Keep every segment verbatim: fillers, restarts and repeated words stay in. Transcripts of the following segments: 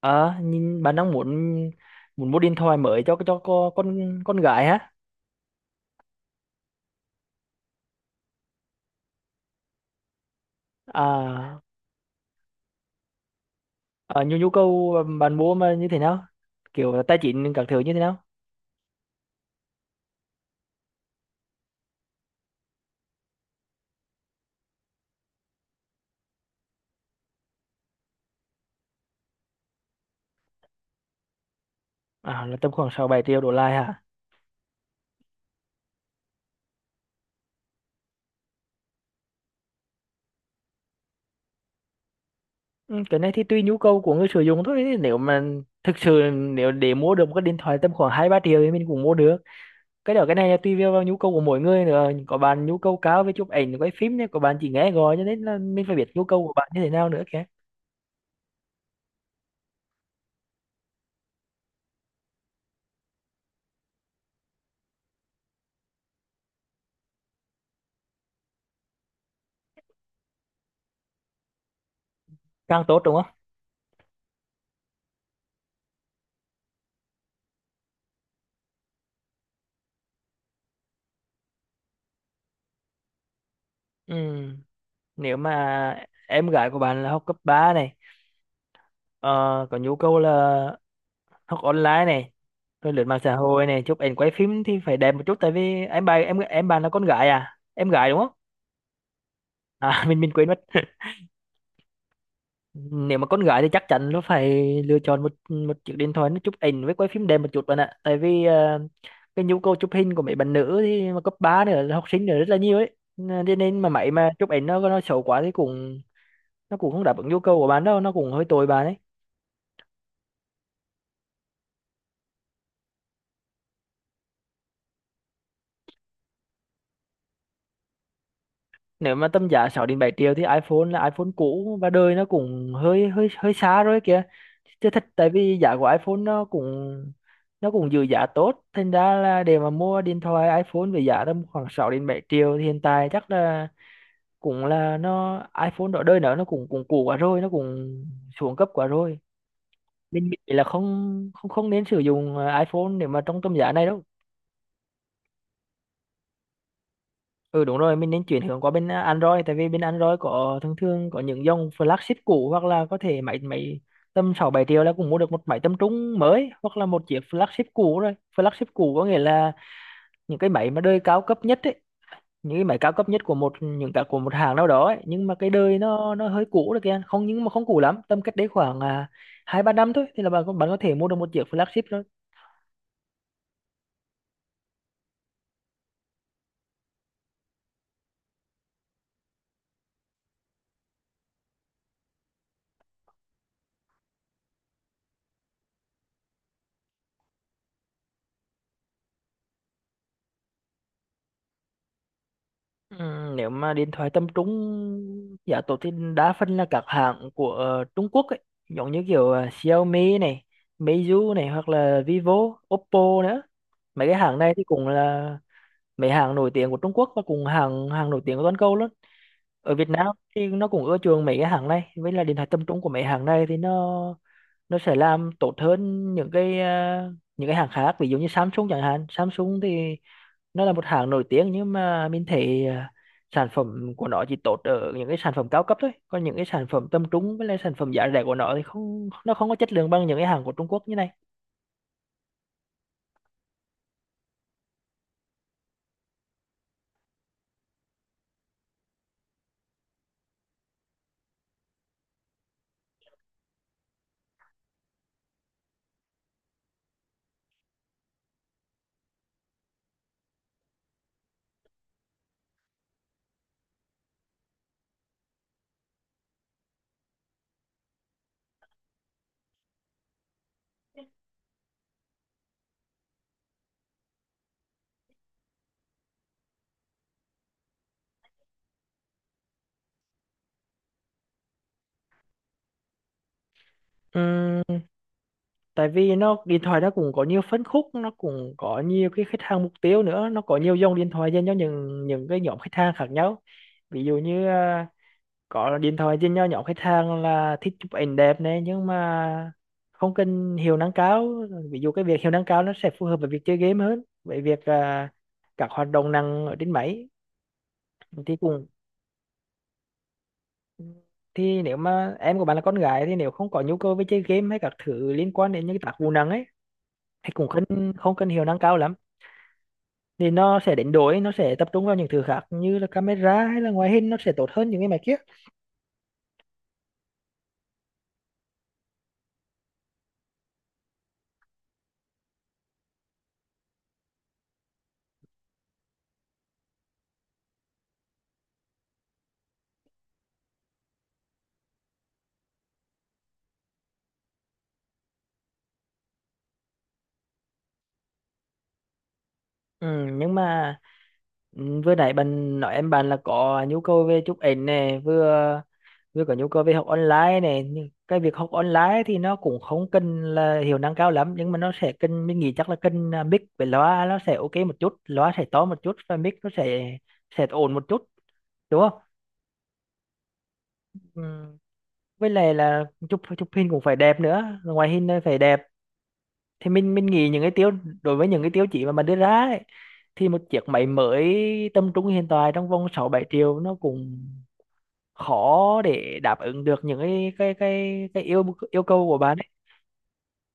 à Nhìn bạn đang muốn muốn mua điện thoại mới cho cho con con con gái hả? à, à nhu nhu cầu bạn mua mà như thế nào, kiểu là tài chính các thứ như thế nào? À là tầm khoảng sáu bảy triệu đổ lại hả? Ừ, cái này thì tùy nhu cầu của người sử dụng thôi. Nếu mà thực sự nếu để mua được một cái điện thoại tầm khoảng hai ba triệu thì mình cũng mua được. Cái đó, cái này là tùy vào vào nhu cầu của mỗi người nữa. Có bạn nhu cầu cao về chụp ảnh quay phim, có bạn chỉ nghe gọi, cho nên là mình phải biết nhu cầu của bạn như thế nào nữa kìa. Càng tốt đúng không? Ừ, nếu mà em gái của bạn là học cấp ba này, ờ, có nhu cầu là học online này, rồi lướt mạng xã hội này, chụp ảnh quay phim thì phải đẹp một chút, tại vì em bạn em em bạn là con gái, à, em gái đúng không? À, mình mình quên mất. Nếu mà con gái thì chắc chắn nó phải lựa chọn một một chiếc điện thoại nó chụp ảnh với quay phim đẹp một chút, bạn ạ. Tại vì ờ, cái nhu cầu chụp hình của mấy bạn nữ thì mà cấp ba nữa, là học sinh nữa, rất là nhiều ấy, nên nên mà máy mà chụp ảnh nó nó xấu quá thì cũng, nó cũng không đáp ứng nhu cầu của bạn đâu, nó cũng hơi tồi bạn ấy. Nếu mà tầm giá sáu đến bảy triệu thì iPhone là iPhone cũ, và đời nó cũng hơi hơi hơi xa rồi kìa, chứ thật. Tại vì giá của iPhone nó cũng nó cũng giữ giá tốt, thành ra là để mà mua điện thoại iPhone với giá tầm khoảng sáu đến bảy triệu thì hiện tại chắc là cũng là nó, iPhone đó đời nó nó cũng cũng cũ quá rồi, nó cũng xuống cấp quá rồi. Mình nghĩ là không không không nên sử dụng ờ, iPhone để mà trong tầm giá này đâu. Ừ đúng rồi, mình nên chuyển hướng qua bên à, Android, tại vì bên Android có thường thường có những dòng flagship cũ, hoặc là có thể máy máy tầm sáu bảy triệu là cũng mua được một máy tầm trung mới, hoặc là một chiếc flagship cũ rồi. Flagship cũ có nghĩa là những cái máy mà đời cao cấp nhất ấy, những cái máy cao cấp nhất của một, những cả của một hãng nào đó ấy. Nhưng mà cái đời nó nó hơi cũ rồi kìa, không, nhưng mà không cũ lắm, tầm cách đấy khoảng à, hai ba năm thôi, thì là bạn có- bạn có thể mua được một chiếc flagship. Ừ, nếu mà điện thoại tầm trung giá tốt thì đa phần là các hãng của ờ, Trung Quốc ấy, giống như kiểu ờ, Xiaomi này, Meizu này, hoặc là Vivo, Oppo nữa. Mấy cái hãng này thì cũng là mấy hãng nổi tiếng của Trung Quốc, và cũng hàng hàng nổi tiếng của toàn cầu luôn. Ở Việt Nam thì nó cũng ưa chuộng mấy cái hãng này, với là điện thoại tầm trung của mấy hãng này thì nó nó sẽ làm tốt hơn những cái, ờ, những cái hãng khác, ví dụ như Samsung chẳng hạn. Samsung thì nó là một hãng nổi tiếng nhưng mà mình thấy à, sản phẩm của nó chỉ tốt ở những cái sản phẩm cao cấp thôi, còn những cái sản phẩm tầm trung với lại sản phẩm giá rẻ của nó thì không, nó không có chất lượng bằng những cái hàng của Trung Quốc như này. Ừm, tại vì nó điện thoại nó cũng có nhiều phân khúc, nó cũng có nhiều cái khách hàng mục tiêu nữa, nó có nhiều dòng điện thoại dành cho những những cái nhóm khách hàng khác nhau. Ví dụ như à, có điện thoại trên nho nhỏ, khách hàng là thích chụp ảnh đẹp này nhưng mà không cần hiệu năng cao. Ví dụ cái việc hiệu năng cao nó sẽ phù hợp với việc chơi game hơn, với việc à, các hoạt động năng ở trên máy. Thì cũng, thì nếu mà em của bạn là con gái thì nếu không có nhu cầu với chơi game hay các thứ liên quan đến những cái tác vụ nặng ấy thì cũng không, không cần hiệu năng cao lắm, thì nó sẽ đánh đổi, nó sẽ tập trung vào những thứ khác như là camera hay là ngoại hình, nó sẽ tốt hơn những cái máy kia. Ừ, nhưng mà ừ, vừa nãy bạn nói em bạn là có nhu cầu về chụp ảnh này, vừa vừa có nhu cầu về học online này. Nhưng cái việc học online thì nó cũng không cần là hiệu năng cao lắm, nhưng mà nó sẽ cần, mình nghĩ chắc là cần à, mic với loa nó sẽ ok một chút, loa sẽ to một chút và mic nó sẽ sẽ ổn một chút, đúng không? Ừ. Với lại là chụp chụp hình cũng phải đẹp nữa, ngoại hình nó phải đẹp. Thì mình mình nghĩ những cái tiêu, đối với những cái tiêu chí mà mình đưa ra ấy, thì một chiếc máy mới tầm trung hiện tại trong vòng sáu bảy triệu nó cũng khó để đáp ứng được những cái cái cái cái yêu yêu cầu của bạn.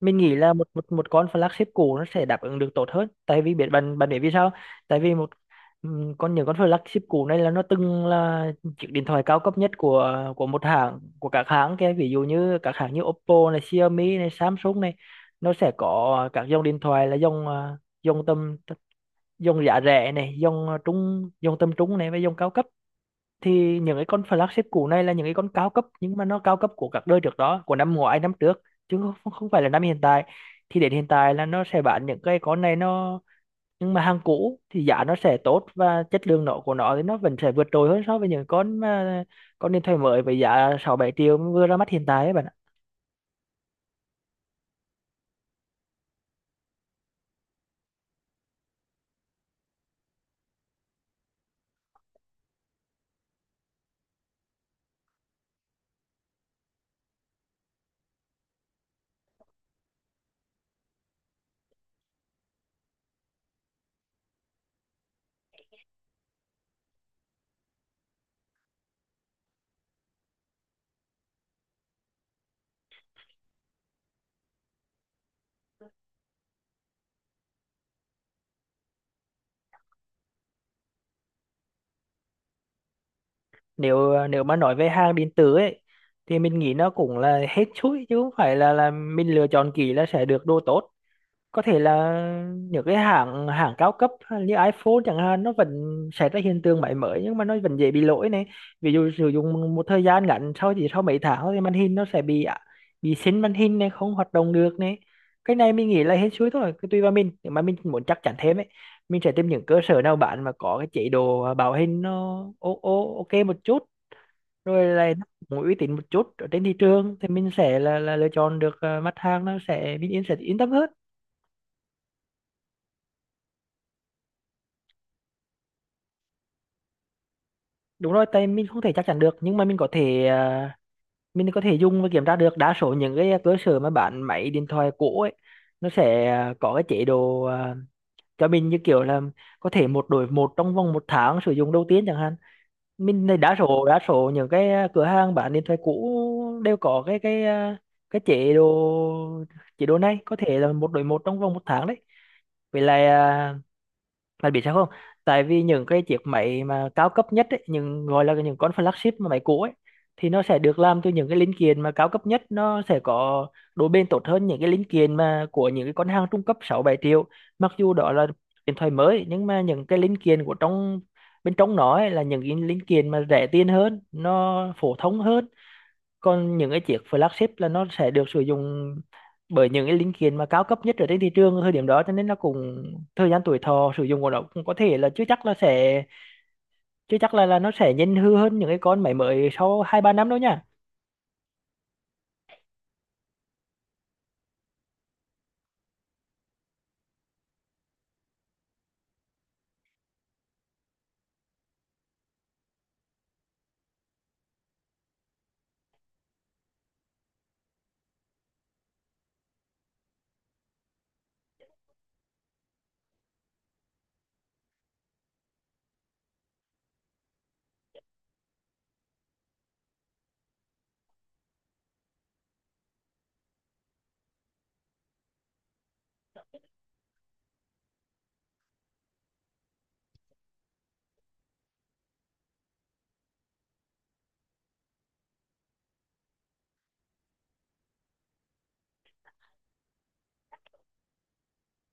Mình nghĩ là một một một con flagship cũ nó sẽ đáp ứng được tốt hơn. Tại vì biết bạn bạn biết vì sao? Tại vì một ừm, con, những con flagship cũ này là nó từng là chiếc điện thoại cao cấp nhất của, của một hãng, của các hãng kia, ví dụ như các hãng như Oppo này, Xiaomi này, Samsung này. Nó sẽ có các dòng điện thoại là dòng à, dòng tầm, dòng giá rẻ này, dòng à, trung, dòng tầm trung này, và dòng cao cấp. Thì những cái con flagship cũ này là những cái con cao cấp, nhưng mà nó cao cấp của các đời trước đó, của năm ngoái, năm trước, chứ không, không phải là năm hiện tại. Thì đến hiện tại là nó sẽ bán những cái con này nó, nhưng mà hàng cũ thì giá nó sẽ tốt, và chất lượng nó của nó thì nó vẫn sẽ vượt trội hơn so với những con mà, con điện thoại mới với giá sáu bảy triệu vừa ra mắt hiện tại ấy, bạn ạ. Nếu Nếu mà nói về hàng điện tử ấy, thì mình nghĩ nó cũng là hết chuỗi, chứ không phải là là mình lựa chọn kỹ là sẽ được đồ tốt. Có thể là những cái hãng hãng cao cấp hay như iPhone chẳng hạn nó vẫn xảy ra hiện tượng máy mới nhưng mà nó vẫn dễ bị lỗi này. Ví dụ sử dụng một thời gian ngắn sau, chỉ sau mấy tháng thì màn hình nó sẽ bị à, bị xin màn hình này, không hoạt động được này. Cái này mình nghĩ là hết suối thôi, cứ tùy vào mình. Nếu mà mình muốn chắc chắn thêm ấy, mình sẽ tìm những cơ sở nào bạn mà có cái chế độ à, bảo hành nó ô ô ok một chút, rồi là nó cũng uy tín một chút ở trên thị trường, thì mình sẽ là, là lựa chọn được ờ, mặt hàng, nó sẽ mình yên sẽ yên tâm hơn. Đúng rồi, tại mình không thể chắc chắn được, nhưng mà mình có thể ờ, mình có thể dùng và kiểm tra được. Đa số những cái cơ sở mà bán máy điện thoại cũ ấy nó sẽ ờ, có cái chế độ ờ, cho mình, như kiểu là có thể một đổi một trong vòng một tháng sử dụng đầu tiên chẳng hạn. Mình này, đa số đa số những cái ờ, cửa hàng bán điện thoại cũ đều có cái cái ờ, cái chế độ chế độ này có thể là một đổi một trong vòng một tháng đấy. Vậy là, bạn biết sao không? Tại vì những cái chiếc máy mà cao cấp nhất ấy, những gọi là những con flagship mà máy cũ ấy, thì nó sẽ được làm từ những cái linh kiện mà cao cấp nhất, nó sẽ có độ bền tốt hơn những cái linh kiện mà của những cái con hàng trung cấp sáu bảy triệu. Mặc dù đó là điện thoại mới, nhưng mà những cái linh kiện của trong bên trong nó ấy, là những cái linh kiện mà rẻ tiền hơn, nó phổ thông hơn. Còn những cái chiếc flagship là nó sẽ được sử dụng bởi những cái linh kiện mà cao cấp nhất ở trên thị trường ở thời điểm đó, cho nên nó cũng thời gian tuổi thọ sử dụng của nó cũng có thể là chưa chắc là sẽ chưa chắc là là nó sẽ nhanh hư hơn những cái con máy mới sau hai ba năm đâu nha.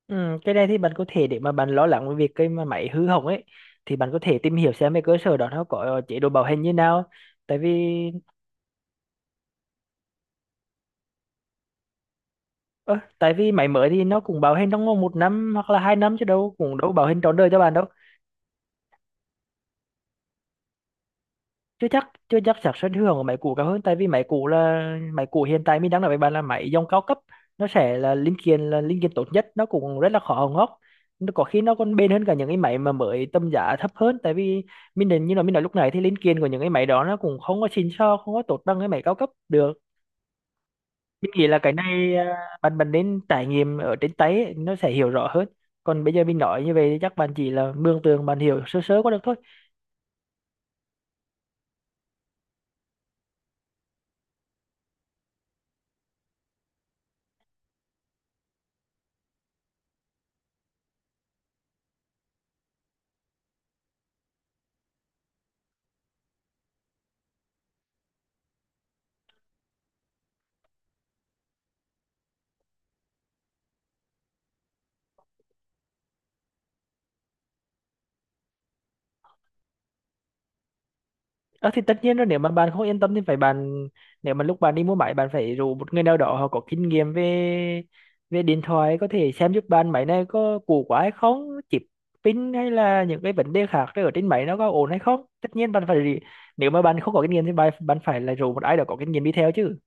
Ừ, cái này thì bạn có thể, để mà bạn lo lắng về việc cái mà máy hư hỏng ấy thì bạn có thể tìm hiểu xem cái cơ sở đó nó có chế độ bảo hành như nào, tại vì ơ, tại vì máy mới thì nó cũng bảo hành trong vòng một năm hoặc là hai năm chứ đâu, cũng đâu bảo hành trọn đời cho bạn đâu. Chưa chắc chưa chắc xác suất hưởng của máy cũ cao hơn. Tại vì máy cũ là, máy cũ hiện tại mình đang nói với bạn là máy dòng cao cấp, nó sẽ là linh kiện là linh kiện tốt nhất, nó cũng rất là khó hỏng hóc. Nó có khi nó còn bền hơn cả những cái máy mà mới tầm giá thấp hơn, tại vì mình định như là mình nói lúc này thì linh kiện của những cái máy đó nó cũng không có xịn sò, không có tốt bằng cái máy cao cấp được. Mình nghĩ là cái này à, bạn bạn nên trải nghiệm ở trên tay ấy, nó sẽ hiểu rõ hơn. Còn bây giờ mình nói như vậy thì chắc bạn chỉ là mường tượng, bạn hiểu sơ sơ qua được thôi. Ờ thì tất nhiên rồi, nếu mà bạn không yên tâm thì phải bạn, nếu mà lúc bạn đi mua máy bạn phải rủ một người nào đó họ có kinh nghiệm về về điện thoại, có thể xem giúp bạn máy này có cũ quá hay không, chip, pin hay là những cái vấn đề khác ở trên máy nó có ổn hay không. Tất nhiên bạn phải, nếu mà bạn không có kinh nghiệm thì bạn bạn phải là rủ một ai đó có kinh nghiệm đi theo chứ.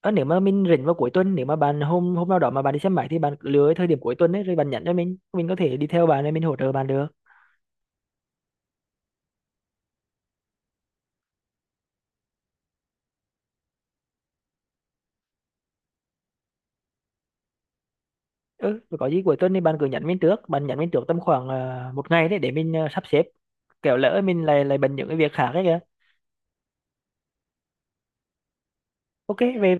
ờ, Nếu mà mình rảnh vào cuối tuần, nếu mà bạn hôm hôm nào đó mà bạn đi xem máy thì bạn cứ lựa cái thời điểm cuối tuần ấy, rồi bạn nhắn cho mình mình có thể đi theo bạn rồi mình hỗ trợ bạn được. Ừ, rồi có gì cuối tuần thì bạn cứ nhắn mình trước, bạn nhắn mình trước tầm khoảng ờ, một ngày đấy, để mình ờ, sắp xếp, kẻo lỡ mình lại lại bận những cái việc khác ấy kìa. OK về.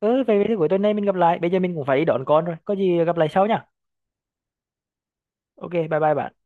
Ừ về, về thì cuối tuần này mình gặp lại, bây giờ mình cũng phải đi đón con rồi, có gì gặp lại sau nhá. OK, bye bye bạn.